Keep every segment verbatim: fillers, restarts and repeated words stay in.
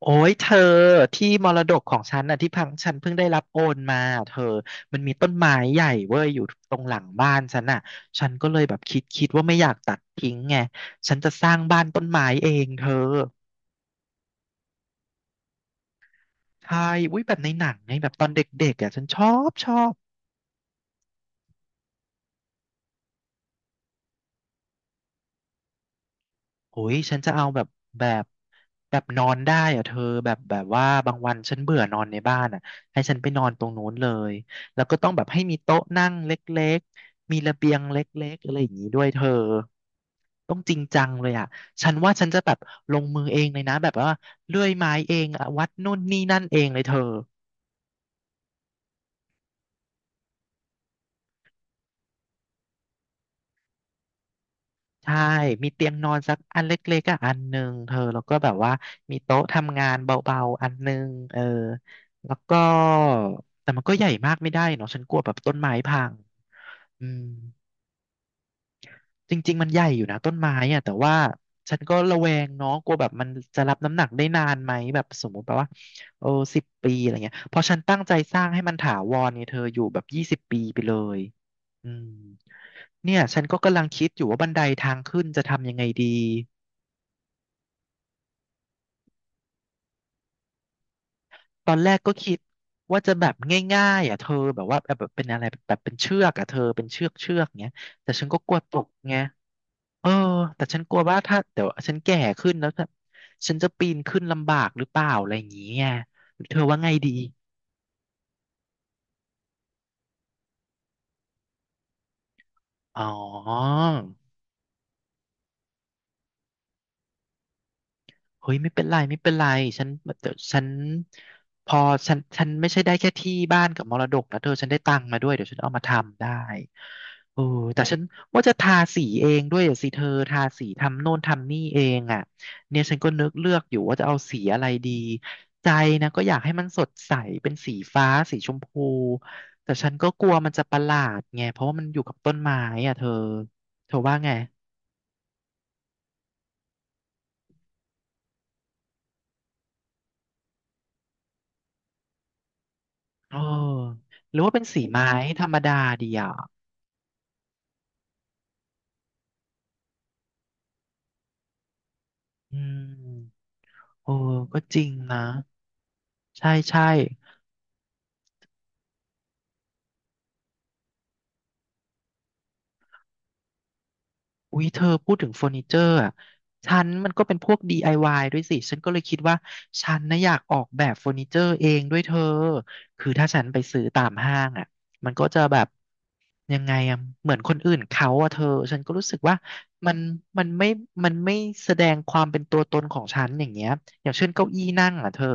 โอ้ยเธอที่มรดกของฉันน่ะที่พังฉันเพิ่งได้รับโอนมาเธอมันมีต้นไม้ใหญ่เว้ยอยู่ตรงหลังบ้านฉันน่ะฉันก็เลยแบบคิดคิดว่าไม่อยากตัดทิ้งไงฉันจะสร้างบ้านต้นไม้เองเธอใช่อุ้ยแบบในหนังไงแบบตอนเด็กๆอ่ะฉันชอบชอบ โอ้ยฉันจะเอาแบบแบบแบบนอนได้อะเธอแบบแบบว่าบางวันฉันเบื่อนอนในบ้านอะให้ฉันไปนอนตรงนู้นเลยแล้วก็ต้องแบบให้มีโต๊ะนั่งเล็กๆมีระเบียงเล็กๆอะไรอย่างนี้ด้วยเธอต้องจริงจังเลยอะฉันว่าฉันจะแบบลงมือเองเลยนะแบบว่าเลื่อยไม้เองอะวัดนู่นนี่นั่นเองเลยเธอ ใช่มีเตียงนอนสักอันเล็กๆอะอันหนึ่งเธอแล้วก็แบบว่ามีโต๊ะทำงานเบาๆอันหนึ่งเออแล้วก็แต่มันก็ใหญ่มากไม่ได้เนาะฉันกลัวแบบต้นไม้พังอืมจริงๆมันใหญ่อยู่นะต้นไม้อะแต่ว่าฉันก็ระแวงเนาะกลัวแบบมันจะรับน้ำหนักได้นานไหมแบบสมมติแบบว่าโอ้สิบปีอะไรเงี้ยเพราะฉันตั้งใจสร้างให้มันถาวรเนี่ยเธออยู่แบบยี่สิบปีไปเลยอืมเนี่ยฉันก็กำลังคิดอยู่ว่าบันไดทางขึ้นจะทำยังไงดี ตอนแรกก็คิดว่าจะแบบง่ายๆอ่ะเธอแบบว่าแบบเป็นอะไรแบบเป็นเชือกอ่ะเธอเป็นเชือกเชือกเงี้ยแต่ฉันก็กลัวตกไงเออแต่ฉันกลัวว่าถ้าเดี๋ยวฉันแก่ขึ้นแล้วถ้าฉันจะปีนขึ้นลำบากหรือเปล่าอะไรอย่างเงี้ยเธอว่าไงดีอ๋อ เฮ้ยไม่เป็นไรไม่เป็นไรฉันเดี๋ยวฉันพอฉันฉันไม่ใช่ได้แค่ที่บ้านกับมรดกนะเธอฉันได้ตังค์มาด้วยเดี๋ยวฉันเอามาทำได้เออแต่ฉันว่าจะทาสีเองด้วยอะสิเธอทาสีทำโน่นทำนี่เองอ่ะเนี่ยฉันก็นึกเลือกอยู่ว่าจะเอาสีอะไรดีใจนะก็อยากให้มันสดใสเป็นสีฟ้าสีชมพูแต่ฉันก็กลัวมันจะประหลาดไงเพราะว่ามันอยู่กับต้นไม้อ่ะเธอเธอว่าไงเออหรือว่าเป็นสีไม้ธรรมดาดีอ่ะ อืมโอ้ก็จริงนะใช่ใช่ อุ๊ยเธอพูดถึงเฟอร์นิเจอร์อ่ะฉันมันก็เป็นพวก ดี ไอ วาย ด้วยสิฉันก็เลยคิดว่าฉันนะอยากออกแบบเฟอร์นิเจอร์เองด้วยเธอคือถ้าฉันไปซื้อตามห้างอ่ะมันก็จะแบบยังไงอ่ะเหมือนคนอื่นเขาอ่ะเธอฉันก็รู้สึกว่ามันมันไม่มันไม่แสดงความเป็นตัวตนของฉันอย่างเงี้ยอย่างเช่นเก้าอี้นั่งอ่ะเธอ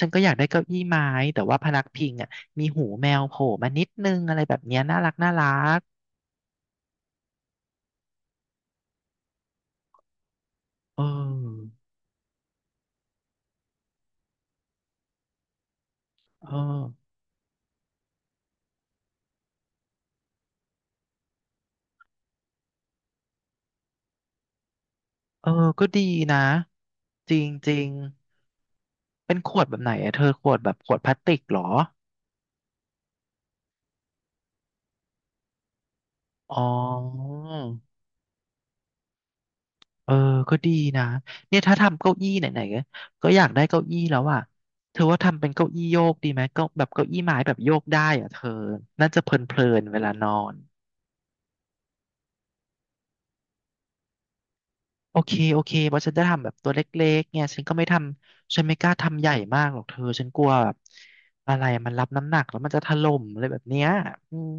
ฉันก็อยากได้เก้าอี้ไม้แต่ว่าพนักพิงอ่ะมีหูแมวโผล่มานิดนึงอะไรแบบเนี้ยน่ารักน่ารักเออเออ เออก็ดีนะจริงจริงเป็นขวดแบบไหนอะเธอขวดแบบขวดพลาสติกเหรออ๋อเออก็ดีนะเนี่ยถ้าทำเก้าอี้ไหนๆก็ก็อยากได้เก้าอี้แล้วอ่ะเธอว่าทำเป็นเก้าอี้โยกดีไหมเก็แบบเก้าอี้ไม้แบบโยกได้อ่ะเธอน่าจะเพลินๆเวลานอนโอเคโอเคเพราะฉันจะทำแบบตัวเล็กๆเนี่ยฉันก็ไม่ทำฉันไม่กล้าทำใหญ่มากหรอกเธอฉันกลัวแบบอะไรมันรับน้ำหนักแล้วมันจะถล่มอะไรแบบเนี้ยอืม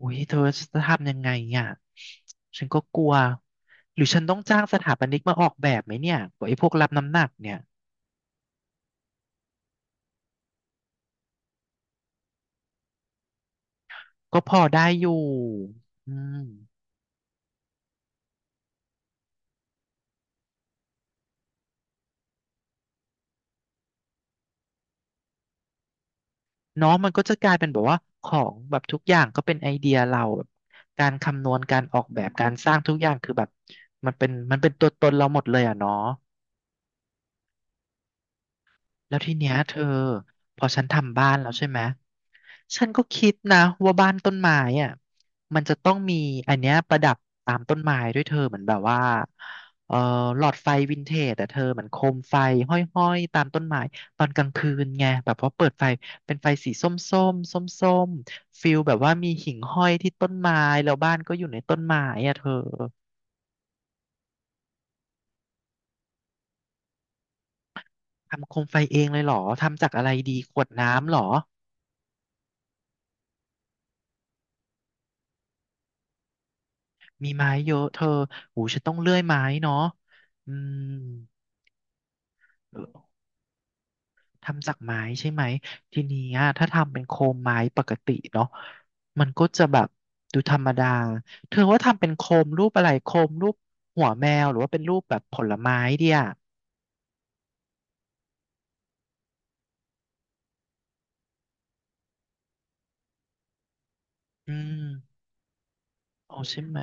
อุ้ยเธอจะทำยังไงอ่ะฉันก็กลัวหรือฉันต้องจ้างสถาปนิกมาออกแบบไหมเนี่ยไอ้พวกรับน้ำหนักเนี่ยก็พอได้อยู่อืมเนาะมันก็จะกลายเป็นแบบว่าของแบบทุกอย่างก็เป็นไอเดียเราแบบการคำนวณการออกแบบการสร้างทุกอย่างคือแบบมันเป็นมันเป็นตัวตนเราหมดเลยอ่ะเนาะ แล้วทีเนี้ยเธอพอฉันทำบ้านแล้วใช่ไหมฉันก็คิดนะว่าบ้านต้นไม้อ่ะมันจะต้องมีอันเนี้ยประดับตามต้นไม้ด้วยเธอเหมือนแบบว่าเอ่อหลอดไฟวินเทจแต่เธอเหมือนโคมไฟห้อยๆตามต้นไม้ตอนกลางคืนไงแบบพอเปิดไฟเป็นไฟสีส้มๆส้มส้มๆฟิลแบบว่ามีหิ่งห้อยที่ต้นไม้แล้วบ้านก็อยู่ในต้นไม้อ่ะเธอทำโคมไฟเองเลยเหรอทำจากอะไรดีขวดน้ำเหรอ มีไม้เยอะเธอหูฉันต้องเลื่อยไม้เนาะอืมทำจากไม้ใช่ไหมทีนี้อะถ้าทำเป็นโคมไม้ปกติเนาะมันก็จะแบบดูธรรมดาเธอว่าทำเป็นโคมรูปอะไรโคมรูปหัวแมวหรือว่าเป็นรูปแบบผลไม้เดียอืมเอาใช่ไหม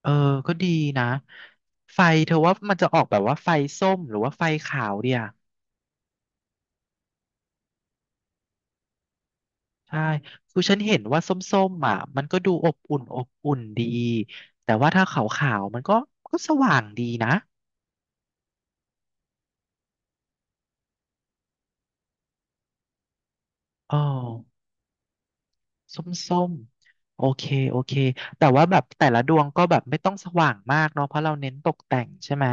เออก็ดีนะไฟเธอว่ามันจะออกแบบว่าไฟส้มหรือว่าไฟขาวเดีย ใช่คือฉันเห็นว่าส้มๆอ่ะมันก็ดูอบอุ่นอบอุ่นดีแต่ว่าถ้าขาวๆมันก็ก็สว่างดีนะอ๋อส้มๆโอเคโอเคแต่ว่าแบบแต่ละดวงก็แบบไม่ต้องสว่างมากเนาะเพราะเราเน้นตกแต่งใช่ไหม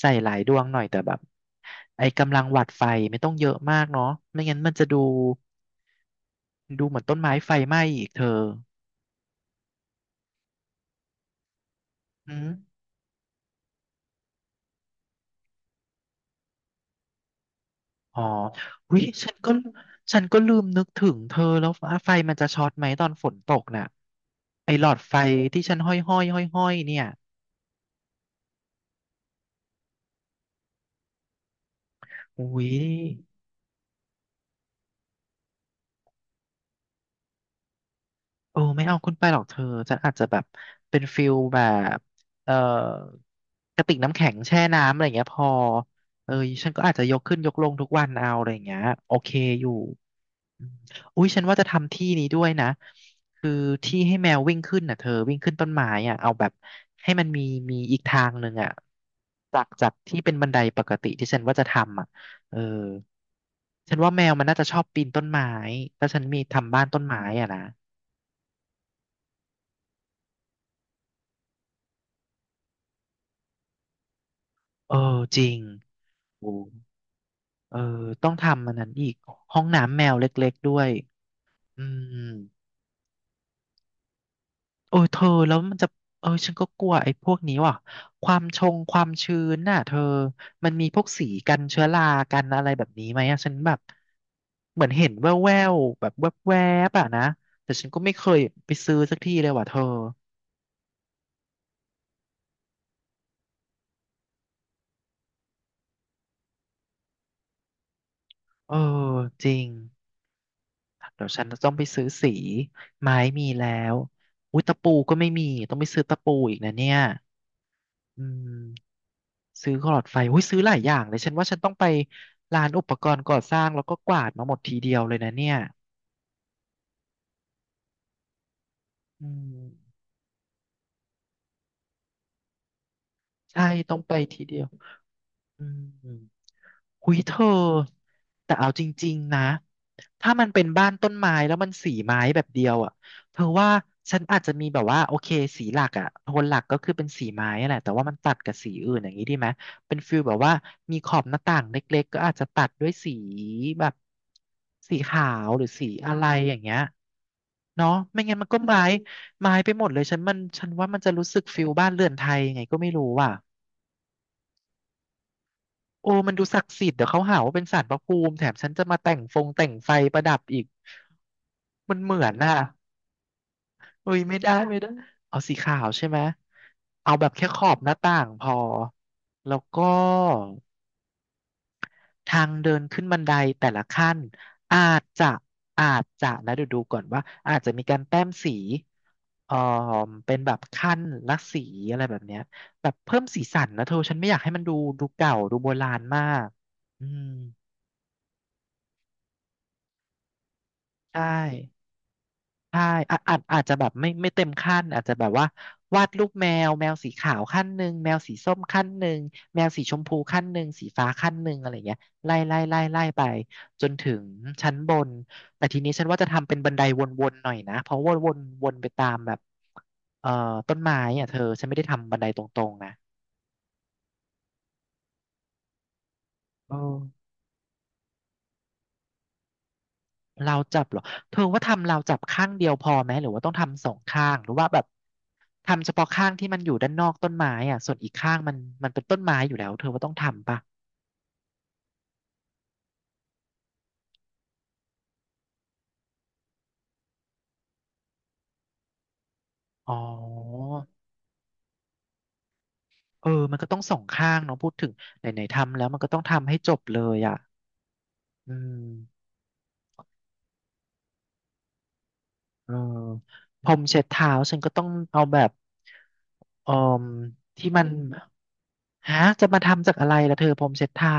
ใส่หลายดวงหน่อยแต่แบบไอ้กำลังหวัดไฟไม่ต้องเยอะมากเนาะไม่งั้นมันจะดูดูเหมือนต้นไม้ไฟไหม้อีกเธออืม อ๋อวิฉันก็ฉันก็ลืมนึกถึงเธอแล้วฟ้าไฟมันจะช็อตไหมตอนฝนตกน่ะไอ้หลอดไฟที่ฉันห้อยห้อยห้อยห้อยเนี่ยอุ้ยโอ้ไม่เอาขึ้นไปหรอกเธอฉันอาจจะแบบเป็นฟิลแบบเอ่อกระติกน้ำแข็งแช่น้ำอะไรอย่างเงี้ยพอเออฉันก็อาจจะยกขึ้นยกลงทุกวันเอาอะไรอย่างเงี้ยโอเคอยู่ อมอุ้ยฉันว่าจะทำที่นี้ด้วยนะคือที่ให้แมววิ่งขึ้นน่ะเธอวิ่งขึ้นต้นไม้อ่ะเอาแบบให้มันมีมีอีกทางหนึ่งอ่ะจากจากที่เป็นบันไดปกติที่ฉันว่าจะทำอ่ะเออฉันว่าแมวมันน่าจะชอบปีนต้นไม้ถ้าฉันมีทำบ้านต้นไม้อ่ะนะเออจริงโอ้เออต้องทำมันนั้นอีกห้องน้ำแมวเล็กๆด้วยอืม โอ้ยเธอแล้วมันจะเออฉันก็กลัวไอ้พวกนี้ว่ะความชงความชื้นน่ะเธอมันมีพวกสีกันเชื้อรากันอะไรแบบนี้ไหมอะฉันแบบเหมือนเห็นแววๆแบบแวบๆอะนะแต่ฉันก็ไม่เคยไปซื้อสักทีเลยว่ะเธอเออจริงเดี๋ยวฉันจะต้องไปซื้อสีไม้มีแล้วอุ้ยตะปูก็ไม่มีต้องไปซื้อตะปูอีกนะเนี่ยอืม ซื้อหลอดไฟโอ้ยซื้อหลายอย่างเลย ฉันว่าฉันต้องไปร้านอุปกรณ์ก่อสร้างแล้วก็กวาดมาหมดทีเดียวเลยนะเนี่ยอืมใช่ ต้องไปทีเดียวอืม หุยเธอแต่เอาจริงๆนะถ้ามันเป็นบ้านต้นไม้แล้วมันสีไม้แบบเดียวอ่ะเธอว่าฉันอาจจะมีแบบว่าโอเคสีหลักอ่ะโทนหลักก็คือเป็นสีไม้อะแหละแต่ว่ามันตัดกับสีอื่นอย่างนี้ดีไหมเป็นฟิลแบบว่ามีขอบหน้าต่างเล็กๆก็อาจจะตัดด้วยสีแบบสีขาวหรือสีอะไรอย่างเงี้ยเนาะไม่งั้นมันก็ไม้ไม้ไปหมดเลยฉันมันฉันว่ามันจะรู้สึกฟิลบ้านเรือนไทยยังไงก็ไม่รู้อ่ะ โอ้มันดูศักดิ์สิทธิ์เดี๋ยวเขาหาว่าเป็นศาลพระภูมิแถมฉันจะมาแต่งฟงแต่งไฟประดับอีกมันเหมือนน่ะเอ้ยไม่ได้ไม่ได้เอาสีขาวใช่ไหมเอาแบบแค่ขอบหน้าต่างพอแล้วก็ทางเดินขึ้นบันไดแต่ละขั้นอาจจะอาจจะนะเดี๋ยวดูก่อนว่าอาจจะมีการแต้มสีเอ่อเป็นแบบขั้นละสีอะไรแบบเนี้ยแบบเพิ่มสีสันนะเธอฉันไม่อยากให้มันดูดูเก่าดูโบราณมากอืมใช่ ใช่อาอาจอาจจะแบบไม่ไม่เต็มขั้นอาจจะแบบว่าวาดรูปแมวแมวสีขาวขั้นหนึ่งแมวสีส้มขั้นหนึ่งแมวสีชมพูขั้นหนึ่งสีฟ้าขั้นหนึ่งอะไรเงี้ยไล่ไล่ไล่ไล่ไปจนถึงชั้นบนแต่ทีนี้ฉันว่าจะทำเป็นบันไดวนๆหน่อยนะเพราะว่าวนวนไปตามแบบเอ่อต้นไม้อ่ะเธอฉันไม่ได้ทำบันไดตรงๆนะเออ ราวจับเหรอเธอว่าทำราวจับข้างเดียวพอไหมหรือว่าต้องทำสองข้างหรือว่าแบบทำเฉพาะข้างที่มันอยู่ด้านนอกต้นไม้อ่ะส่วนอีกข้างมันมันเป็นต้นไม้อยู่แล้วเธอว่าต้องทำปะอ๋อเออมันก็ต้องสองข้างเนาะพูดถึงไหนๆทำแล้วมันก็ต้องทำให้จบเลยอ่ะอืมเออพรมเช็ดเท้าฉันก็ต้องเอาแบบเอ่อที่มันฮะจะมาทำจากอะไรล่ะเธอพรมเช็ดเท้า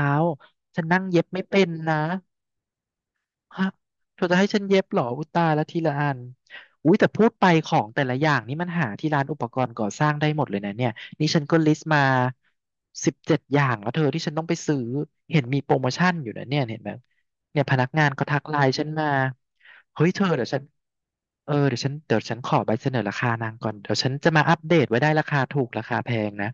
ฉันนั่งเย็บไม่เป็นนะ ฮะเธอจะให้ฉันเย็บเหรออุยตายแล้วทีละอันอุ้ยแต่พูดไปของแต่ละอย่างนี่มันหาที่ร้านอุปกรณ์ก่อสร้างได้หมดเลยนะเนี่ยนี่ฉันก็ลิสต์มาสิบเจ็ดอย่างแล้วเธอที่ฉันต้องไปซื้อเห็นมีโปรโมชั่นอยู่นะเนี่ยเห็นไหมเนี่ยพนักงานเขาทักไลน์ฉันมาเฮ้ยเธอเดี๋ยวฉันเออเดี๋ยวฉันเดี๋ยวฉันขอใบเสนอราคานางก่อนเดี๋ยวฉันจะมาอัปเดตไว้ได้ราคาถูกราคาแพงนะ